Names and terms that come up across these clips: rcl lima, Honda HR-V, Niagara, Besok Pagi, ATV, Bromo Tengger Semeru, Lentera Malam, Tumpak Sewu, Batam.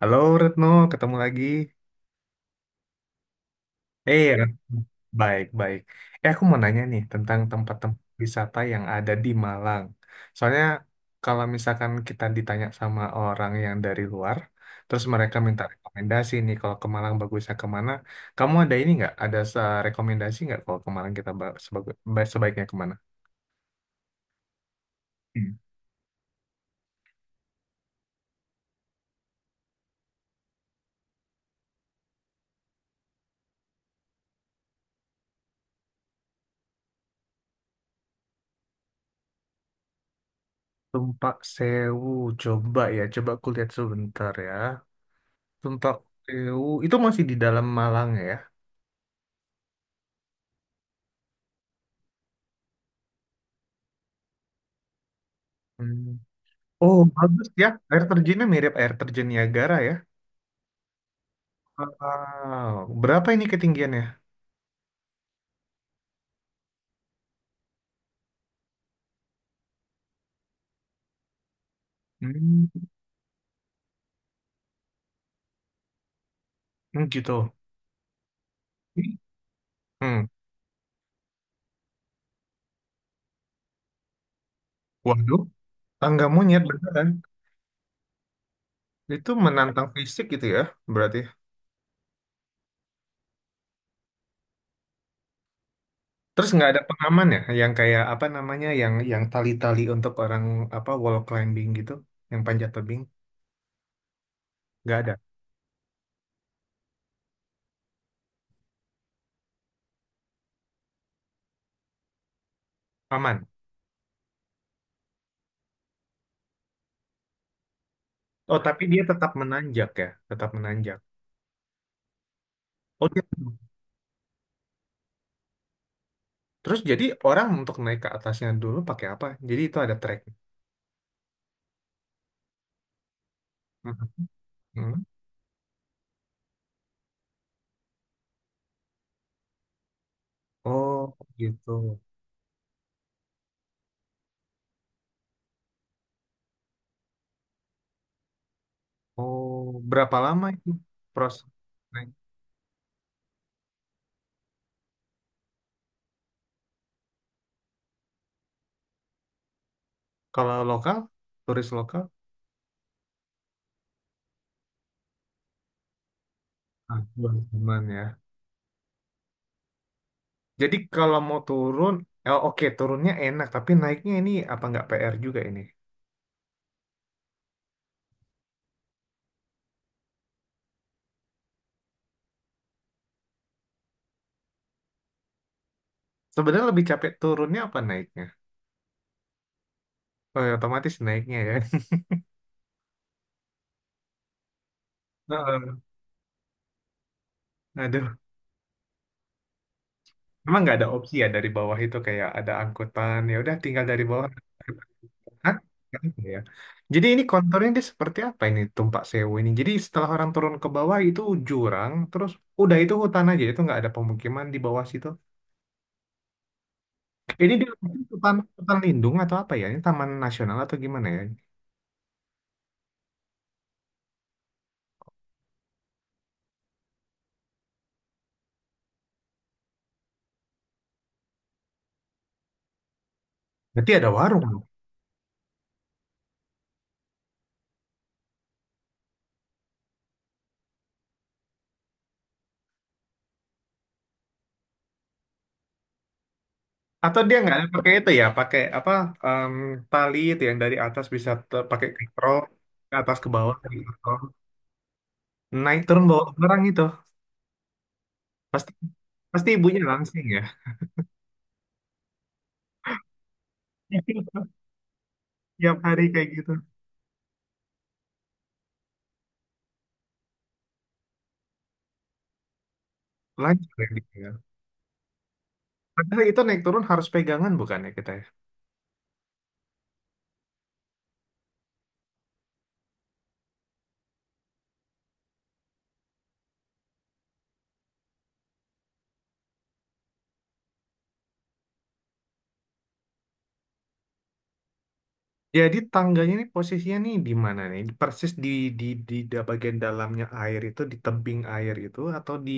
Halo Retno, ketemu lagi. Eh, Retno. Baik, baik. Eh, aku mau nanya nih tentang tempat-tempat wisata yang ada di Malang. Soalnya kalau misalkan kita ditanya sama orang yang dari luar, terus mereka minta rekomendasi nih kalau ke Malang bagusnya kemana, kamu ada ini nggak? Ada rekomendasi nggak kalau ke Malang kita sebaiknya kemana? Hmm. Tumpak Sewu, coba ya, coba aku lihat sebentar ya. Tumpak Sewu, itu masih di dalam Malang ya? Hmm. Oh, bagus ya. Air terjunnya mirip air terjun Niagara ya. Wow. Berapa ini ketinggiannya? Hmm, hmm, gitu. Hmm. Waduh, tangga monyet beneran. Itu menantang fisik gitu ya, berarti. Terus nggak ada pengaman ya, yang kayak apa namanya, yang tali-tali untuk orang apa wall climbing gitu, yang panjat tebing, nggak ada. Aman. Oh, tapi dia tetap menanjak ya, tetap menanjak. Oh, dia. Terus jadi orang untuk naik ke atasnya dulu pakai apa? Jadi itu ada trek. Mhm. Oh, gitu. Oh, berapa lama itu proses? Naik? Kalau lokal, turis lokal, ah, 2 bulan ya. Jadi kalau mau turun, oh, oke turunnya enak, tapi naiknya ini apa nggak PR juga ini? Sebenarnya lebih capek turunnya apa naiknya? Oh, ya, otomatis naiknya ya. Heeh. Aduh, emang nggak ada opsi ya dari bawah itu kayak ada angkutan, ya udah tinggal dari bawah. Hah? Nggak ada ya. Jadi ini konturnya dia seperti apa ini Tumpak Sewu ini? Jadi setelah orang turun ke bawah itu jurang, terus udah itu hutan aja, itu nggak ada pemukiman di bawah situ. Ini dia hutan hutan lindung atau apa ya? Ini taman nasional atau gimana ya? Berarti ada warung dong. Atau dia nggak ada pakai itu ya, pakai apa em, tali itu yang dari atas bisa pakai katrol ke atas ke bawah dari katrol. Naik turun bawa barang itu. Pasti pasti ibunya langsing ya. Tiap hari kayak gitu. Lanjut ya. Padahal itu naik turun harus pegangan bukan ya kita ya? Jadi tangganya ini posisinya nih di mana nih? Persis bagian dalamnya air itu di tebing air itu atau di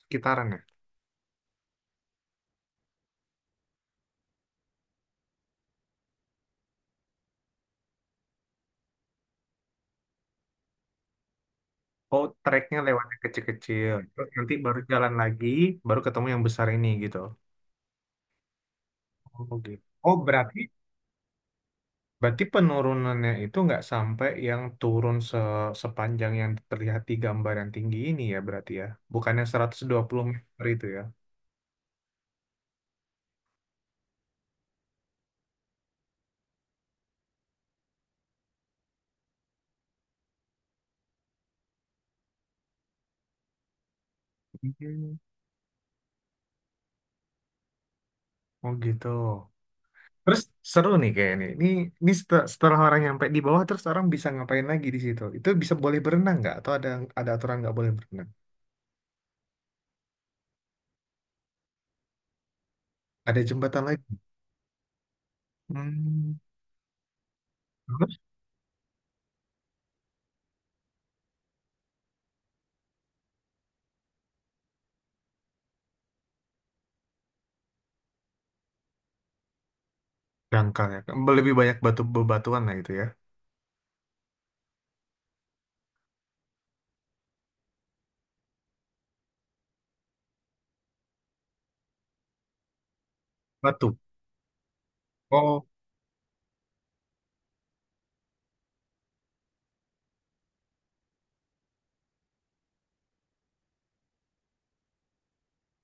sekitaran ya? Oh, treknya lewat yang kecil-kecil. Terus nanti baru jalan lagi, baru ketemu yang besar ini gitu. Oh, gitu. Oh, berarti berarti penurunannya itu nggak sampai yang turun sepanjang yang terlihat di gambar yang tinggi ini ya berarti ya. Bukannya 120 meter itu ya. Hmm. Oh gitu. Terus seru nih kayaknya nih. Ini setelah orang nyampe di bawah terus orang bisa ngapain lagi di situ? Itu bisa boleh berenang nggak? Atau ada aturan nggak boleh berenang? Ada jembatan lagi. Hmm, terus dangkal ya. Lebih banyak batu bebatuan lah itu ya. Batu. Oh,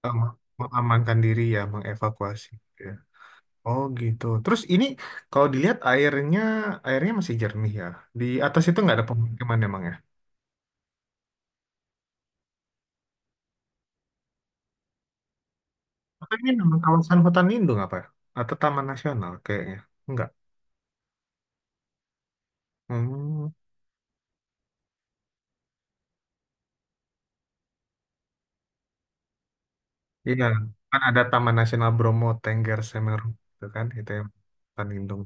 em, mengamankan diri ya, mengevakuasi gitu ya. Oh gitu. Terus ini kalau dilihat airnya airnya masih jernih ya. Di atas itu nggak ada pemukiman emang ya? Atau ini memang kawasan hutan lindung apa ya? Atau taman nasional kayaknya? Enggak. Hmm. Iya, kan ada Taman Nasional Bromo Tengger Semeru, itu kan, itu yang Tanjung.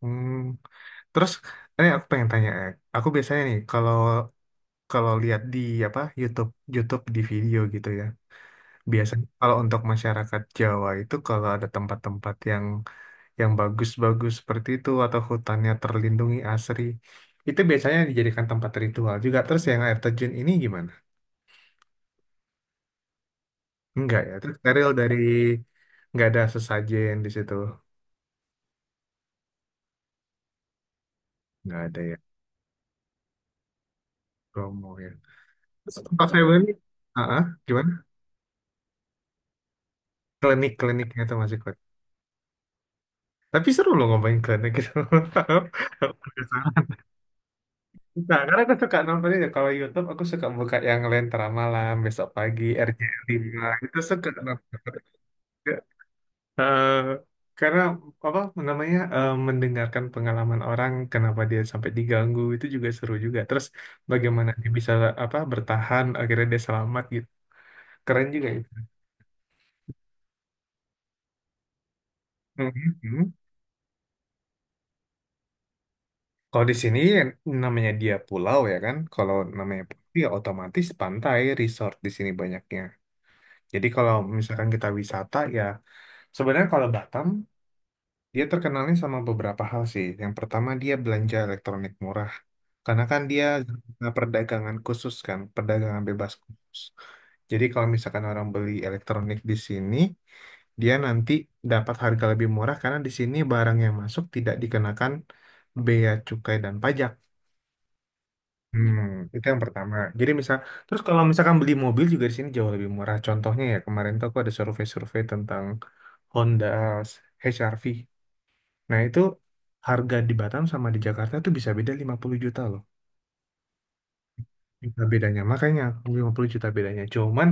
Hmm. Terus, ini aku pengen tanya, aku biasanya nih kalau kalau lihat di apa YouTube YouTube di video gitu ya, biasanya kalau untuk masyarakat Jawa itu kalau ada tempat-tempat yang bagus-bagus seperti itu atau hutannya terlindungi asri, itu biasanya dijadikan tempat ritual juga. Terus yang air terjun ini gimana? Enggak ya, terus steril dari nggak ada sesajen di situ, nggak ada ya. Promo ya. Terus Pas Februari, gimana? Klinik-kliniknya itu masih kuat. Tapi seru loh ngomongin klinik gitu. Nah, karena aku suka nonton itu. Kalau YouTube, aku suka buka yang Lentera Malam, Besok Pagi, RCL 5 itu suka nonton. Eh, karena apa namanya mendengarkan pengalaman orang kenapa dia sampai diganggu itu juga seru juga, terus bagaimana dia bisa apa bertahan akhirnya dia selamat gitu, keren juga itu. Hmm, hmm. Kalau di sini namanya dia pulau ya kan. Kalau namanya pulau ya otomatis pantai, resort di sini banyaknya. Jadi kalau misalkan kita wisata ya, sebenarnya kalau Batam dia terkenalnya sama beberapa hal sih. Yang pertama dia belanja elektronik murah. Karena kan dia zona perdagangan khusus kan, perdagangan bebas khusus. Jadi kalau misalkan orang beli elektronik di sini, dia nanti dapat harga lebih murah karena di sini barang yang masuk tidak dikenakan bea cukai dan pajak. Hmm, itu yang pertama. Jadi misal, terus kalau misalkan beli mobil juga di sini jauh lebih murah. Contohnya ya kemarin tuh aku ada survei-survei tentang Honda HR-V. Nah itu harga di Batam sama di Jakarta tuh bisa beda 50 juta loh. Juta bedanya. Makanya 50 juta bedanya. Cuman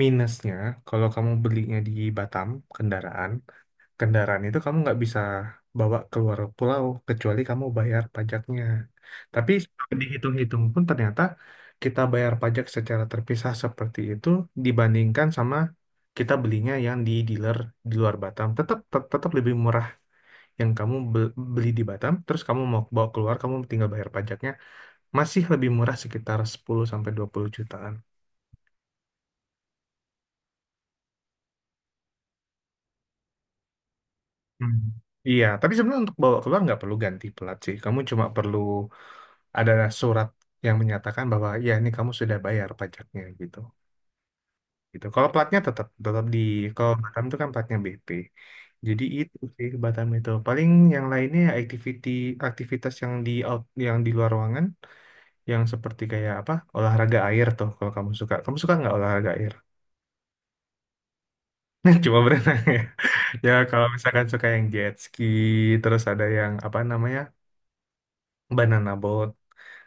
minusnya kalau kamu belinya di Batam kendaraan, kendaraan itu kamu nggak bisa bawa keluar pulau kecuali kamu bayar pajaknya. Tapi dihitung-hitung pun ternyata kita bayar pajak secara terpisah seperti itu, dibandingkan sama kita belinya yang di dealer di luar Batam tetap tetap lebih murah. Yang kamu beli di Batam terus kamu mau bawa keluar, kamu tinggal bayar pajaknya, masih lebih murah sekitar 10 sampai 20 jutaan. Hmm. Iya, tapi sebenarnya untuk bawa keluar nggak perlu ganti pelat sih. Kamu cuma perlu ada surat yang menyatakan bahwa ya ini kamu sudah bayar pajaknya gitu. Gitu. Kalau platnya tetap tetap di kalau Batam itu kan platnya BP. Jadi itu sih Batam itu. Paling yang lainnya ya activity, aktivitas yang di out, yang di luar ruangan, yang seperti kayak apa? Olahraga air tuh kalau kamu suka. Kamu suka nggak olahraga air? Cuma berenang ya. Ya, kalau misalkan suka yang jet ski, terus ada yang apa namanya? Banana boat.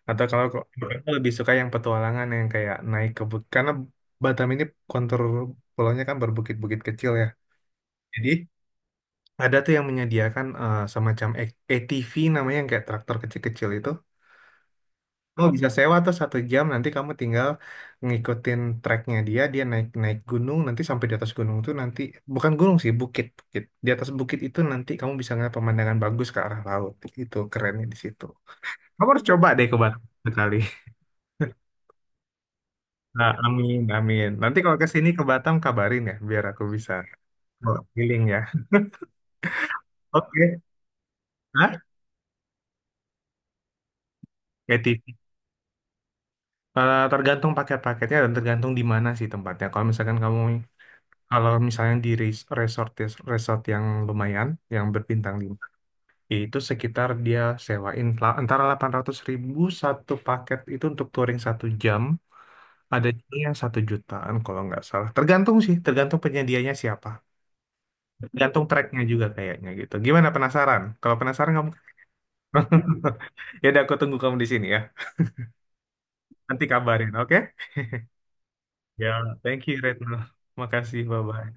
Atau kalau kok aku lebih suka yang petualangan yang kayak naik ke bukit, karena Batam ini kontur pulaunya kan berbukit-bukit kecil ya, jadi ada tuh yang menyediakan semacam ATV namanya yang kayak traktor kecil-kecil itu. Kamu bisa sewa tuh 1 jam, nanti kamu tinggal ngikutin treknya, dia dia naik naik gunung, nanti sampai di atas gunung tuh, nanti bukan gunung sih, bukit, bukit di atas bukit itu, nanti kamu bisa ngeliat pemandangan bagus ke arah laut. Itu kerennya di situ. Kamu harus coba deh ke Batam sekali. Nah, amin, amin. Nanti kalau ke sini ke Batam kabarin ya, biar aku bisa bawa keliling ya. Oke. Hah? ATV. Tergantung paket-paketnya dan tergantung di mana sih tempatnya. Kalau misalkan kamu, kalau misalnya di resort ya, resort yang lumayan, yang berbintang 5, itu sekitar dia sewain antara 800 ribu satu paket itu untuk touring 1 jam. Ada juga yang 1 jutaan kalau nggak salah. Tergantung sih, tergantung penyedianya siapa. Tergantung tracknya juga kayaknya gitu. Gimana, penasaran? Kalau penasaran kamu. Ya udah aku tunggu kamu di sini ya. Nanti kabarin, oke? Ya, thank you Retno. Makasih, bye-bye.